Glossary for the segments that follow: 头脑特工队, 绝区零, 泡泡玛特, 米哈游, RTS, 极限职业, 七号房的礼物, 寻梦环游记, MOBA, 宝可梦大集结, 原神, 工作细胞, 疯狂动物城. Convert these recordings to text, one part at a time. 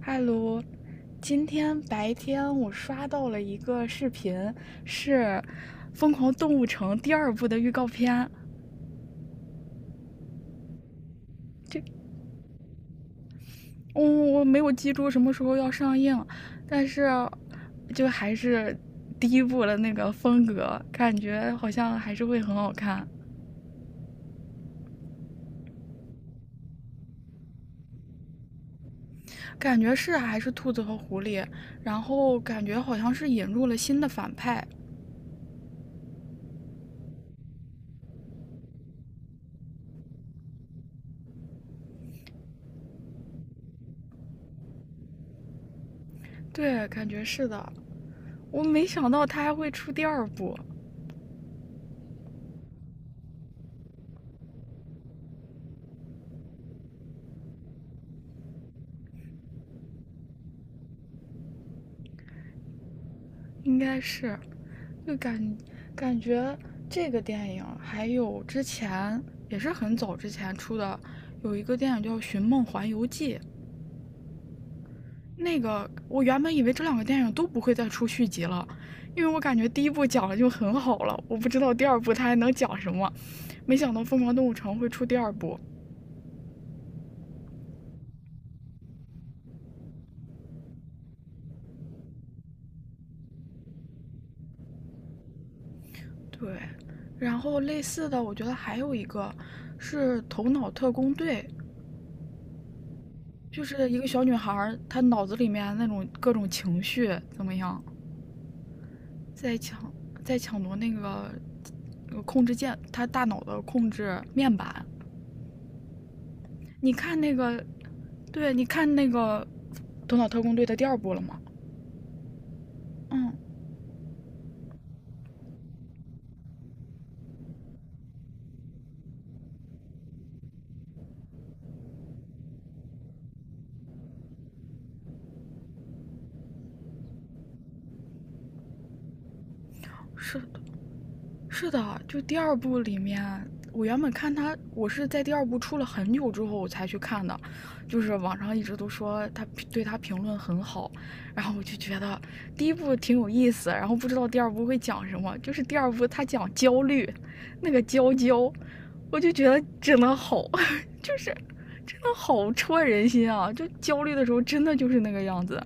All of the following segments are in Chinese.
嗨，卢，今天白天我刷到了一个视频，是《疯狂动物城》第二部的预告片。嗯，我没有记住什么时候要上映，但是就还是第一部的那个风格，感觉好像还是会很好看。感觉是还是兔子和狐狸，然后感觉好像是引入了新的反派。对，感觉是的。我没想到他还会出第二部。应该是，就感感觉这个电影还有之前也是很早之前出的，有一个电影叫《寻梦环游记》。那个我原本以为这两个电影都不会再出续集了，因为我感觉第一部讲的就很好了，我不知道第二部它还能讲什么。没想到《疯狂动物城》会出第二部。对，然后类似的，我觉得还有一个是《头脑特工队》，就是一个小女孩她脑子里面那种各种情绪怎么样，在抢在抢夺那个控制键，她大脑的控制面板。你看那个，对，你看那个《头脑特工队》的第二部了吗？嗯，是是的，就第二部里面，我原本看他，我是在第二部出了很久之后我才去看的，就是网上一直都说他对他评论很好，然后我就觉得第一部挺有意思，然后不知道第二部会讲什么，就是第二部他讲焦虑，那个娇娇，我就觉得真的好，就是真的好戳人心啊！就焦虑的时候真的就是那个样子。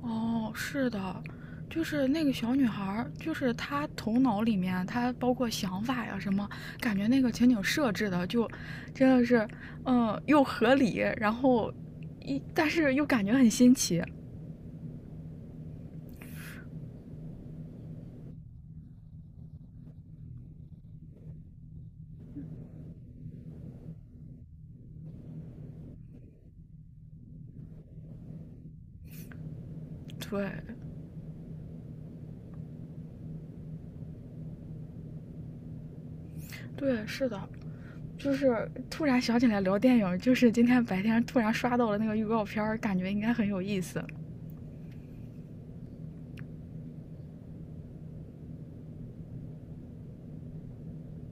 哦，是的，就是那个小女孩儿，就是她头脑里面，她包括想法呀什么，感觉那个情景设置的就真的是，嗯，又合理，然后一但是又感觉很新奇。对，对，是的，就是突然想起来聊电影，就是今天白天突然刷到了那个预告片儿，感觉应该很有意思。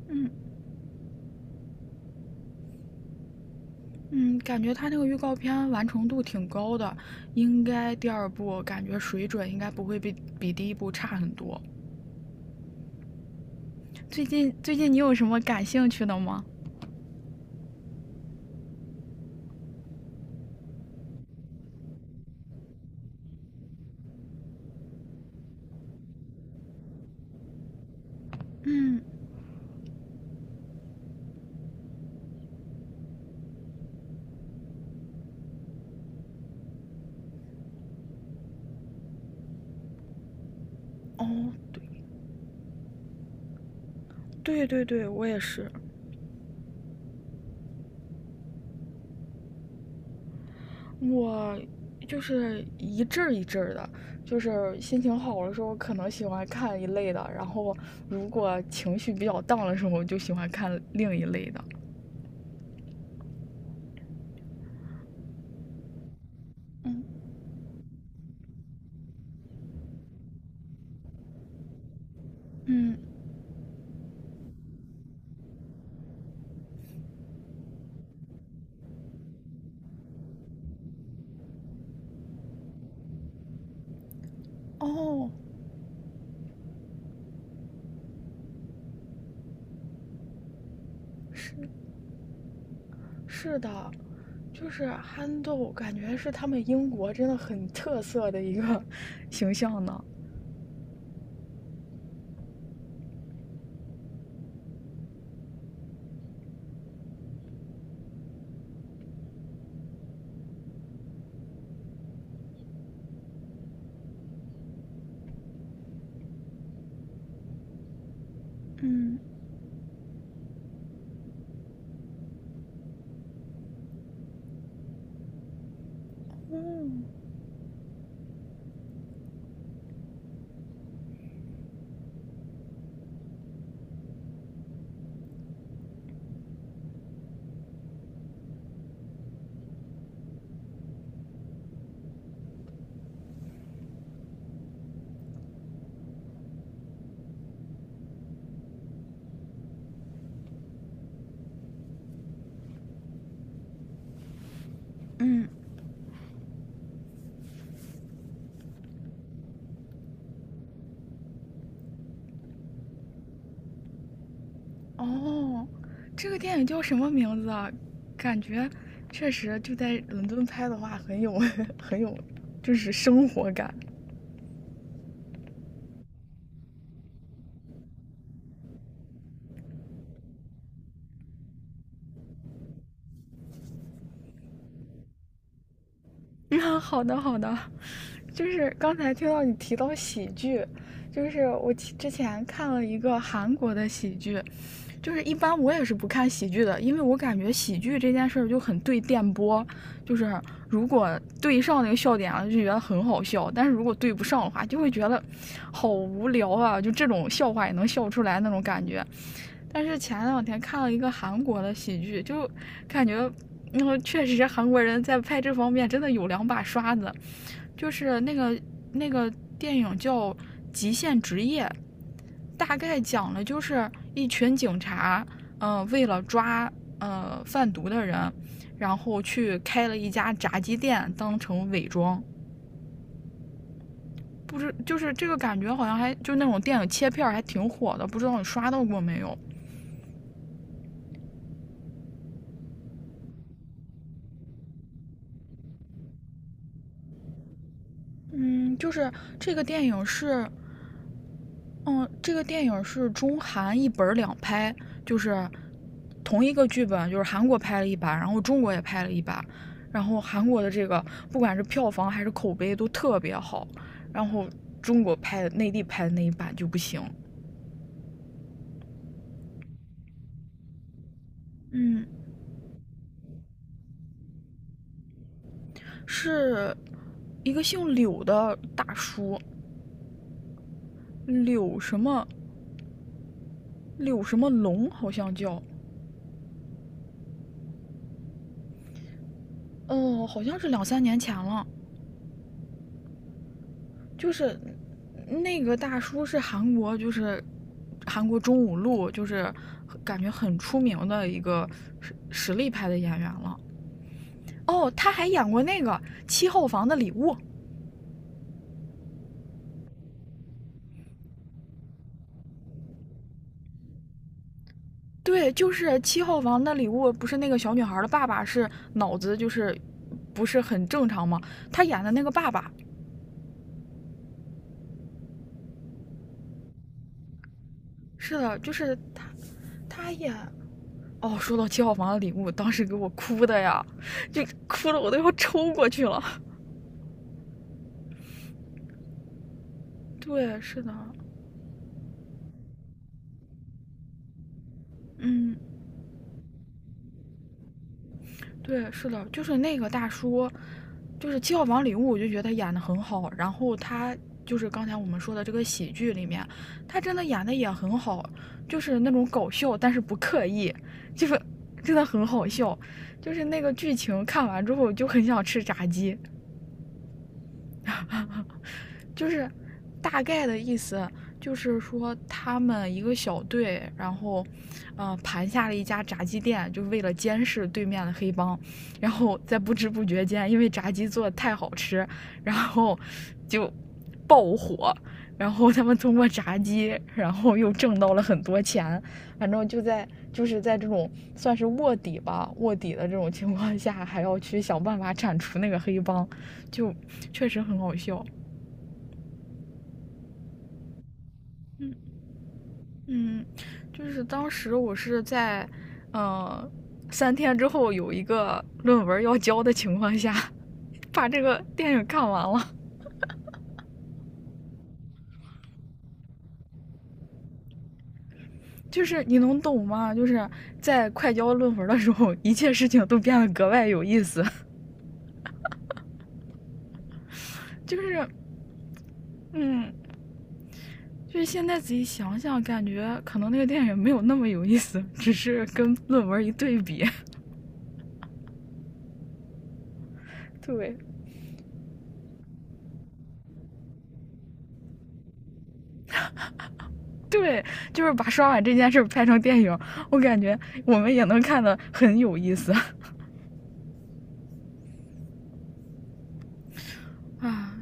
嗯。嗯，感觉他那个预告片完成度挺高的，应该第二部感觉水准应该不会比第一部差很多。最近你有什么感兴趣的吗？嗯，哦，对对对，我也是，我就是一阵儿的，就是心情好的时候可能喜欢看一类的，然后如果情绪比较荡的时候就喜欢看另一类的。嗯嗯，哦，是是的，就是憨豆，感觉是他们英国真的很特色的一个 形象呢。嗯嗯嗯，哦，这个电影叫什么名字啊？感觉确实就在伦敦拍的话，很有 很有，就是生活感。啊，好的好的，就是刚才听到你提到喜剧，就是我之前看了一个韩国的喜剧，就是一般我也是不看喜剧的，因为我感觉喜剧这件事就很对电波，就是如果对上那个笑点了，就觉得很好笑；但是如果对不上的话，就会觉得好无聊啊，就这种笑话也能笑出来那种感觉。但是前两天看了一个韩国的喜剧，就感觉。那、嗯、确实，韩国人在拍这方面真的有两把刷子，就是那个电影叫《极限职业》，大概讲了就是一群警察，为了抓贩毒的人，然后去开了一家炸鸡店当成伪装。不知就是这个感觉好像还就那种电影切片还挺火的，不知道你刷到过没有？嗯，就是这个电影是嗯，这个电影是中韩一本儿两拍，就是同一个剧本，就是韩国拍了一版，然后中国也拍了一版，然后韩国的这个不管是票房还是口碑都特别好，然后中国拍的内地拍的那一版就不行。嗯，是一个姓柳的大叔，柳什么柳什么龙好像叫，哦，好像是两三年前了。就是那个大叔是韩国，就是韩国中五路，就是感觉很出名的一个实力派的演员了。哦，他还演过那个《七号房的礼物》。对，就是《七号房的礼物》，不是那个小女孩的爸爸是脑子就是不是很正常吗？他演的那个爸爸，是的，就是他，他演。哦，说到七号房的礼物，当时给我哭的呀，就哭的我都要抽过去了。对，是的，嗯。对，是的，就是那个大叔，就是《七号房礼物》，我就觉得他演的很好。然后他就是刚才我们说的这个喜剧里面，他真的演的也很好，就是那种搞笑，但是不刻意，就是真的很好笑。就是那个剧情看完之后就很想吃炸鸡，就是大概的意思就是说，他们一个小队，然后，盘下了一家炸鸡店，就为了监视对面的黑帮，然后在不知不觉间，因为炸鸡做的太好吃，然后就爆火。然后他们通过炸鸡，然后又挣到了很多钱。反正就在就是在这种算是卧底吧，卧底的这种情况下，还要去想办法铲除那个黑帮，就确实很好笑。嗯，嗯，就是当时我是在，嗯，三天之后有一个论文要交的情况下，把这个电影看完了。就是你能懂吗？就是在快交论文的时候，一切事情都变得格外有意思。就是，嗯，就是现在仔细想想，感觉可能那个电影没有那么有意思，只是跟论文一对比，对。对，就是把刷碗这件事拍成电影，我感觉我们也能看得很有意思。啊，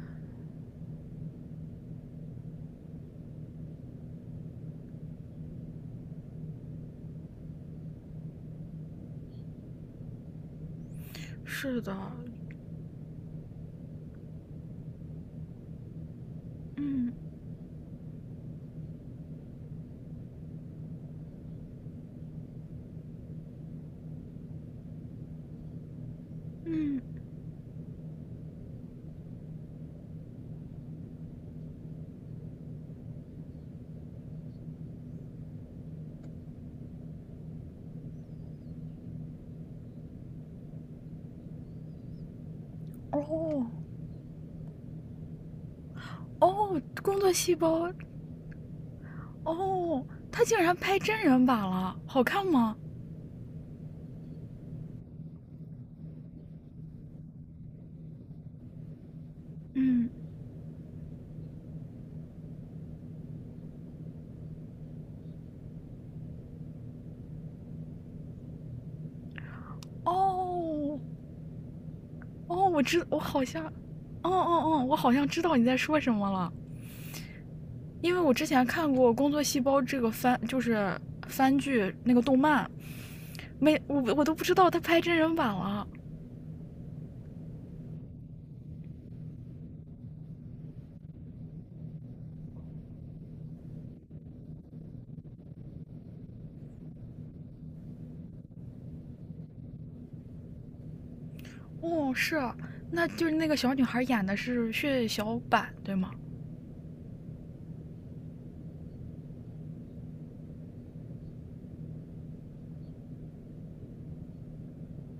是的，嗯嗯，哦哦，工作细胞，哦，他竟然拍真人版了，好看吗？嗯，哦哦，我知，我好像，哦哦哦，我好像知道你在说什么了，因为我之前看过《工作细胞》这个番，就是番剧那个动漫，没,我都不知道他拍真人版了。哦，是啊，那就是那个小女孩演的是血小板，对吗？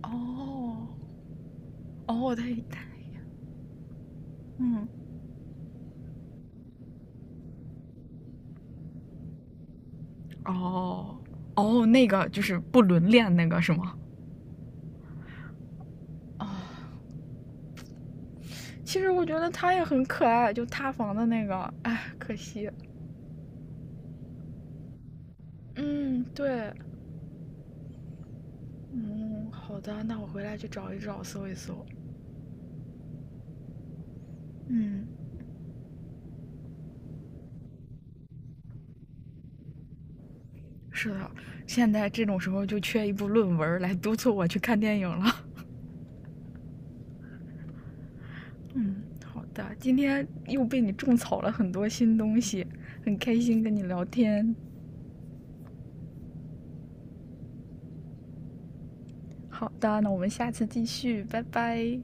哦哦，他嗯。哦哦，那个就是不伦恋那个是吗？啊哦，其实我觉得他也很可爱，就塌房的那个，哎，可惜。嗯，对，嗯，好的，那我回来去找一找，搜一搜。嗯，是的，现在这种时候就缺一部论文来督促我去看电影了。嗯，好的，今天又被你种草了很多新东西，很开心跟你聊天。好的，那我们下次继续，拜拜。